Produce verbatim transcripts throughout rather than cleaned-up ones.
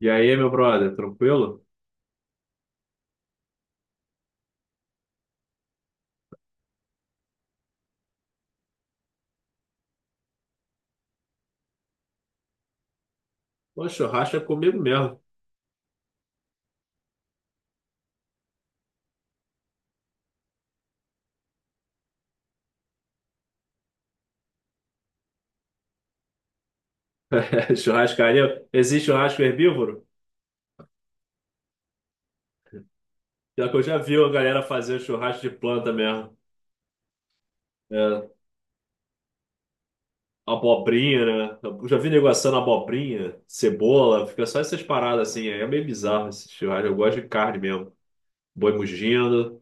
E aí, meu brother, tranquilo? Pô, churrasco é comigo mesmo. Churrascaria. Existe churrasco herbívoro? Já que eu já vi a galera fazer churrasco de planta mesmo. É, abobrinha, né? Eu já vi negociando abobrinha, cebola, fica só essas paradas assim. É meio bizarro esse churrasco. Eu gosto de carne mesmo. Boi mugindo.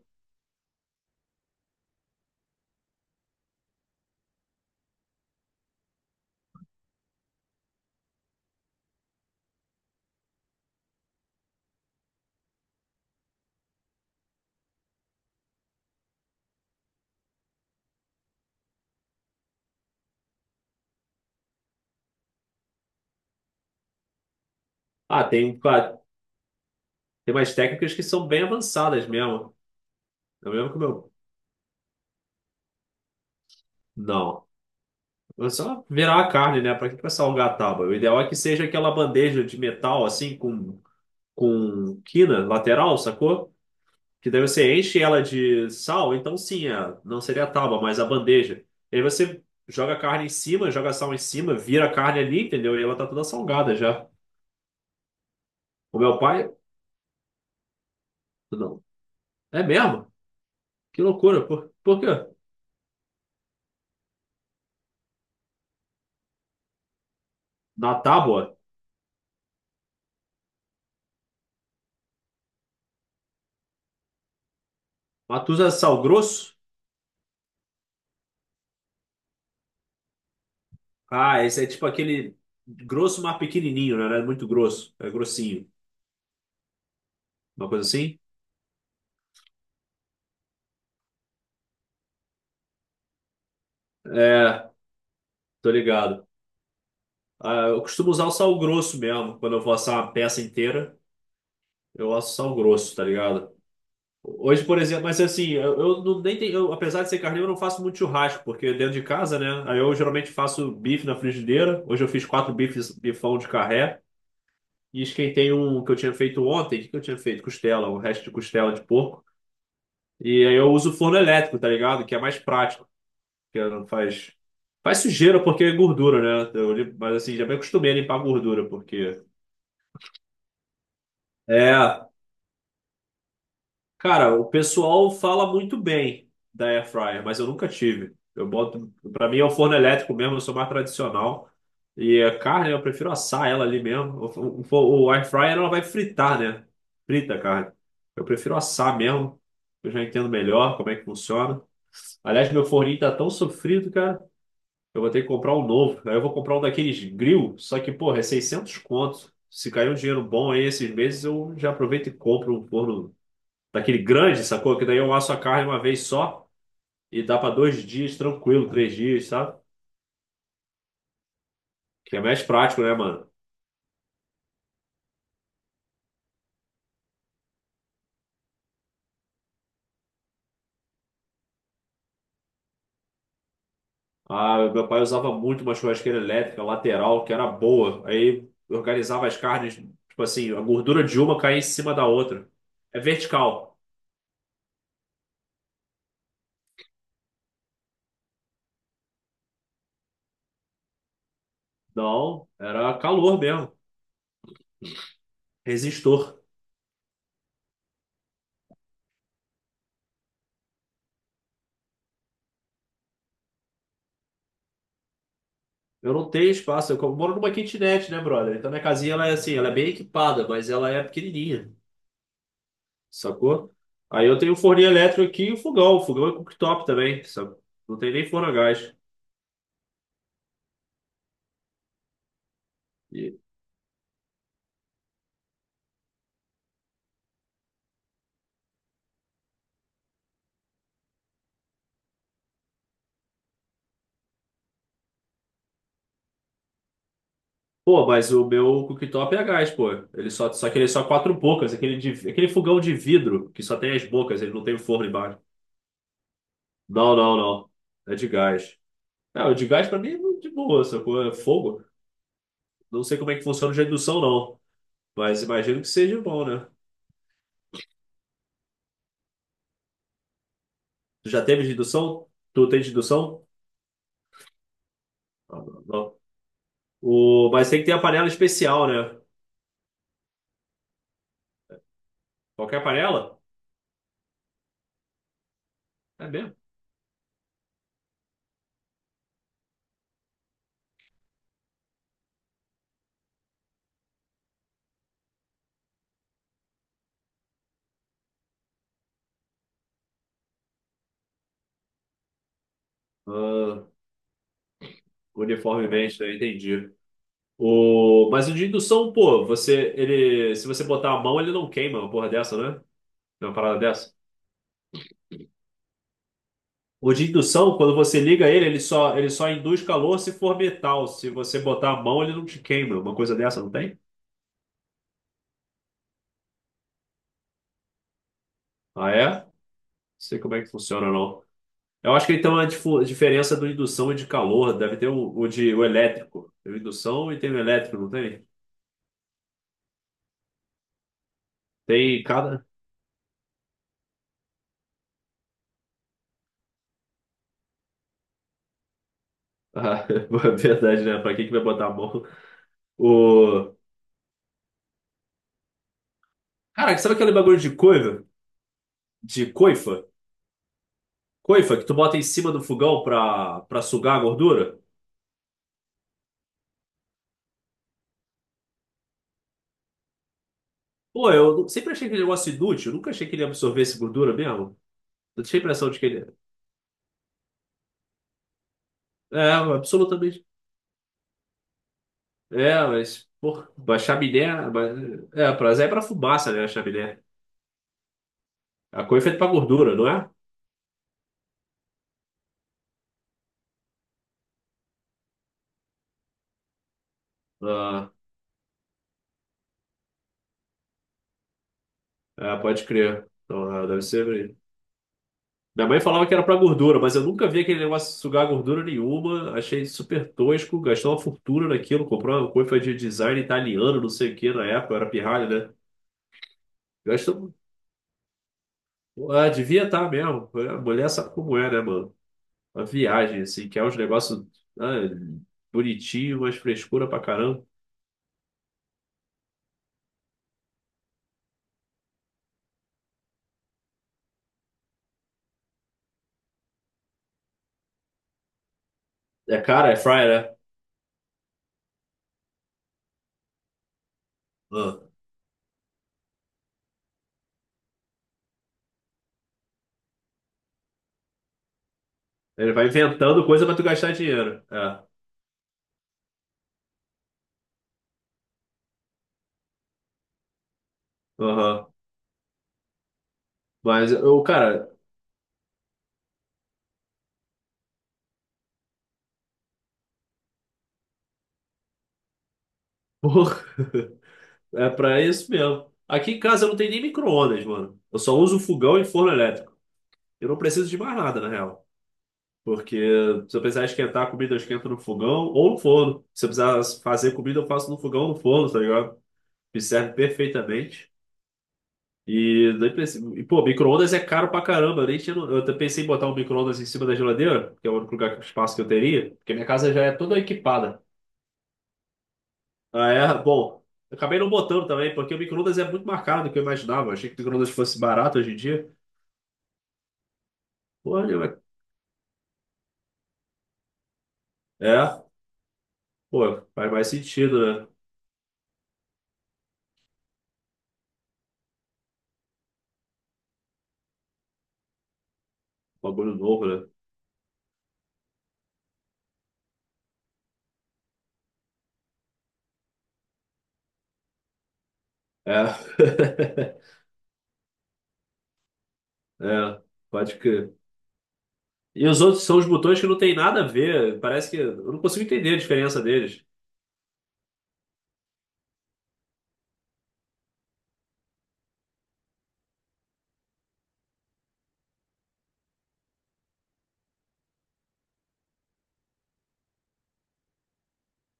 Ah, tem, pá, tem umas técnicas que são bem avançadas mesmo. Eu mesmo que o meu. Não. É só virar a carne, né? Pra que que vai salgar a tábua? O ideal é que seja aquela bandeja de metal, assim, com com quina lateral, sacou? Que daí você enche ela de sal, então sim, a- não seria a tábua, mas a bandeja. E aí você joga a carne em cima, joga sal em cima, vira a carne ali, entendeu? E ela tá toda salgada já. O meu pai, não. É mesmo? Que loucura. Por, por quê? Na tábua, mas tu usa sal grosso? Ah, esse é tipo aquele grosso, mas pequenininho, né? Não é muito grosso, é grossinho. Uma coisa assim? É, tô ligado. Ah, eu costumo usar o sal grosso mesmo, quando eu vou assar uma peça inteira. Eu gosto sal grosso, tá ligado? Hoje, por exemplo, mas assim, eu, eu não nem tenho, eu, apesar de ser carnívoro, eu não faço muito churrasco, porque dentro de casa, né? Aí eu geralmente faço bife na frigideira. Hoje eu fiz quatro bifes, bifão de carré. E esquentei um que eu tinha feito ontem. O que que eu tinha feito? Costela, o resto de costela de porco. E aí eu uso forno elétrico, tá ligado? Que é mais prático, que não faz. Faz sujeira porque é gordura, né? Eu, lim- mas assim, já me acostumei a limpar a gordura, porque. É. Cara, o pessoal fala muito bem da air fryer, mas eu nunca tive. Eu boto, para mim é o forno elétrico mesmo, eu sou mais tradicional. E a carne, eu prefiro assar ela ali mesmo. O, o, o air fryer ela vai fritar, né? Frita a carne. Eu prefiro assar mesmo. Eu já entendo melhor como é que funciona. Aliás, meu forninho tá tão sofrido, cara. Eu vou ter que comprar um novo. Aí eu vou comprar um daqueles grill, só que, porra, é seiscentos conto. Se cair um dinheiro bom aí esses meses, eu já aproveito e compro um forno daquele grande, sacou? Que daí eu asso a carne uma vez só e dá pra dois dias tranquilo, três dias, sabe? Que é mais prático, né, mano? Ah, meu pai usava muito uma churrasqueira elétrica lateral, que era boa. Aí eu organizava as carnes, tipo assim, a gordura de uma caía em cima da outra. É vertical. Não, era calor mesmo. Resistor. Eu não tenho espaço. Eu moro numa kitnet, né, brother? Então minha casinha, ela é assim, ela é bem equipada, mas ela é pequenininha. Sacou? Aí eu tenho o forninho elétrico aqui e o fogão. O fogão é cooktop também, sabe? Não tem nem forno a gás. E, pô, mas o meu cooktop é a gás, pô. Ele só, só que ele é só quatro bocas, aquele, de- aquele fogão de vidro que só tem as bocas, ele não tem o forno embaixo. Não, não, não. É de gás. É, o de gás pra mim é de boa, sacou? É fogo. Não sei como é que funciona o de indução, não. Mas imagino que seja bom, né? Tu já teve de indução? Tu tem de indução? Ah, não. Não. O... Mas tem que ter a panela especial, né? Qualquer panela? É mesmo? Ah, uniformemente, né? Entendi. O... Mas o de indução, pô, você, ele, se você botar a mão, ele não queima, uma porra dessa, né? É uma parada dessa. O de indução, quando você liga ele, ele só, ele só induz calor se for metal. Se você botar a mão, ele não te queima. Uma coisa dessa, não tem? Ah, é? Não sei como é que funciona, não. Eu acho que então a difu- diferença do indução e de calor deve ter o, o de o elétrico. Tem o indução e tem o elétrico, não tem? Tem cada. Ah, verdade, né? Pra quem que vai botar a mão? O... Cara, sabe aquele bagulho de coifa? De coifa? Coifa que tu bota em cima do fogão pra, pra sugar a gordura? Pô, eu nu- sempre achei aquele negócio inútil. Nunca achei que ele absorvesse gordura mesmo. Eu tinha a impressão de que ele... É, é, absolutamente. É, mas... Pô, a chaminé... mas... É, é, pra, é pra fumaça, né, a chaminé. A coifa é pra gordura, não é? Ah, é, pode crer. Então, é, deve ser... Minha mãe falava que era pra gordura, mas eu nunca vi aquele negócio de sugar gordura nenhuma. Achei super tosco, gastou uma fortuna naquilo, comprou uma coifa de design italiano, não sei o que, na época, eu era pirralha, né? Gastou. um, Ah, devia estar mesmo. A mulher sabe como é, né, mano? A viagem, assim, que é uns negócios, ah, bonitinho, mas frescura pra caramba. É cara, é fryer, né? Ah. Ele vai inventando coisa pra tu gastar dinheiro. É. Aham. Mas, eu, cara, porra. É pra isso mesmo. Aqui em casa eu não tenho nem micro-ondas, mano. Eu só uso fogão e forno elétrico. Eu não preciso de mais nada, na real. Porque se eu precisar esquentar a comida, eu esquento no fogão ou no forno. Se eu precisar fazer comida, eu faço no fogão ou no forno, tá ligado? Me serve perfeitamente. E, nem preciso... e pô, micro-ondas é caro pra caramba. Eu, nem tinha... no- eu até pensei em botar um micro-ondas em cima da geladeira, que é o único lugar, espaço que eu teria. Porque minha casa já é toda equipada. Ah, é? Bom, eu acabei não botando também, porque o micro-ondas é muito mais caro do que eu imaginava. Eu achei que o micro-ondas fosse barato hoje em dia. Pô, olha, mas... é, pô, faz mais sentido, né? Bagulho novo, né? É. É, pode que. E os outros são os botões que não tem nada a ver. Parece que. Eu não consigo entender a diferença deles.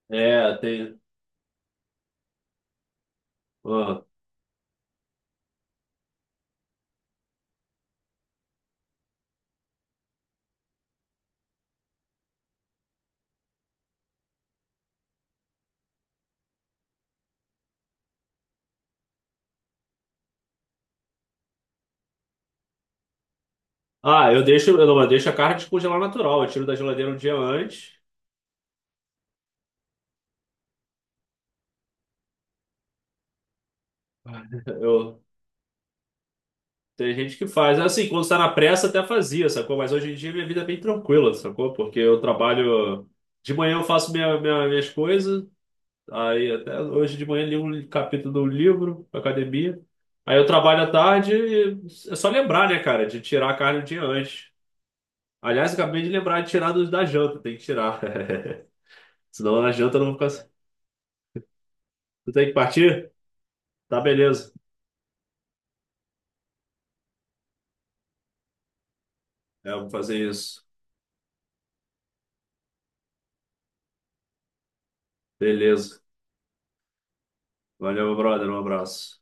É, tem. Ó. Ah, eu deixo. Eu não, eu deixo a carne descongelar natural. Eu tiro da geladeira um dia antes. Eu, tem gente que faz. Assim, quando está na pressa até fazia, sacou? Mas hoje em dia minha vida é bem tranquila, sacou? Porque eu trabalho. De manhã eu faço minha, minha- minhas coisas. Aí até hoje de manhã li um capítulo do livro, academia. Aí eu trabalho à tarde e é só lembrar, né, cara, de tirar a carne um dia antes. Aliás, eu acabei de lembrar de tirar dos da janta, tem que tirar. Senão na janta eu não vou ficar. Tu tem que partir? Tá, beleza. É, eu vou fazer isso. Beleza. Valeu, meu brother. Um abraço.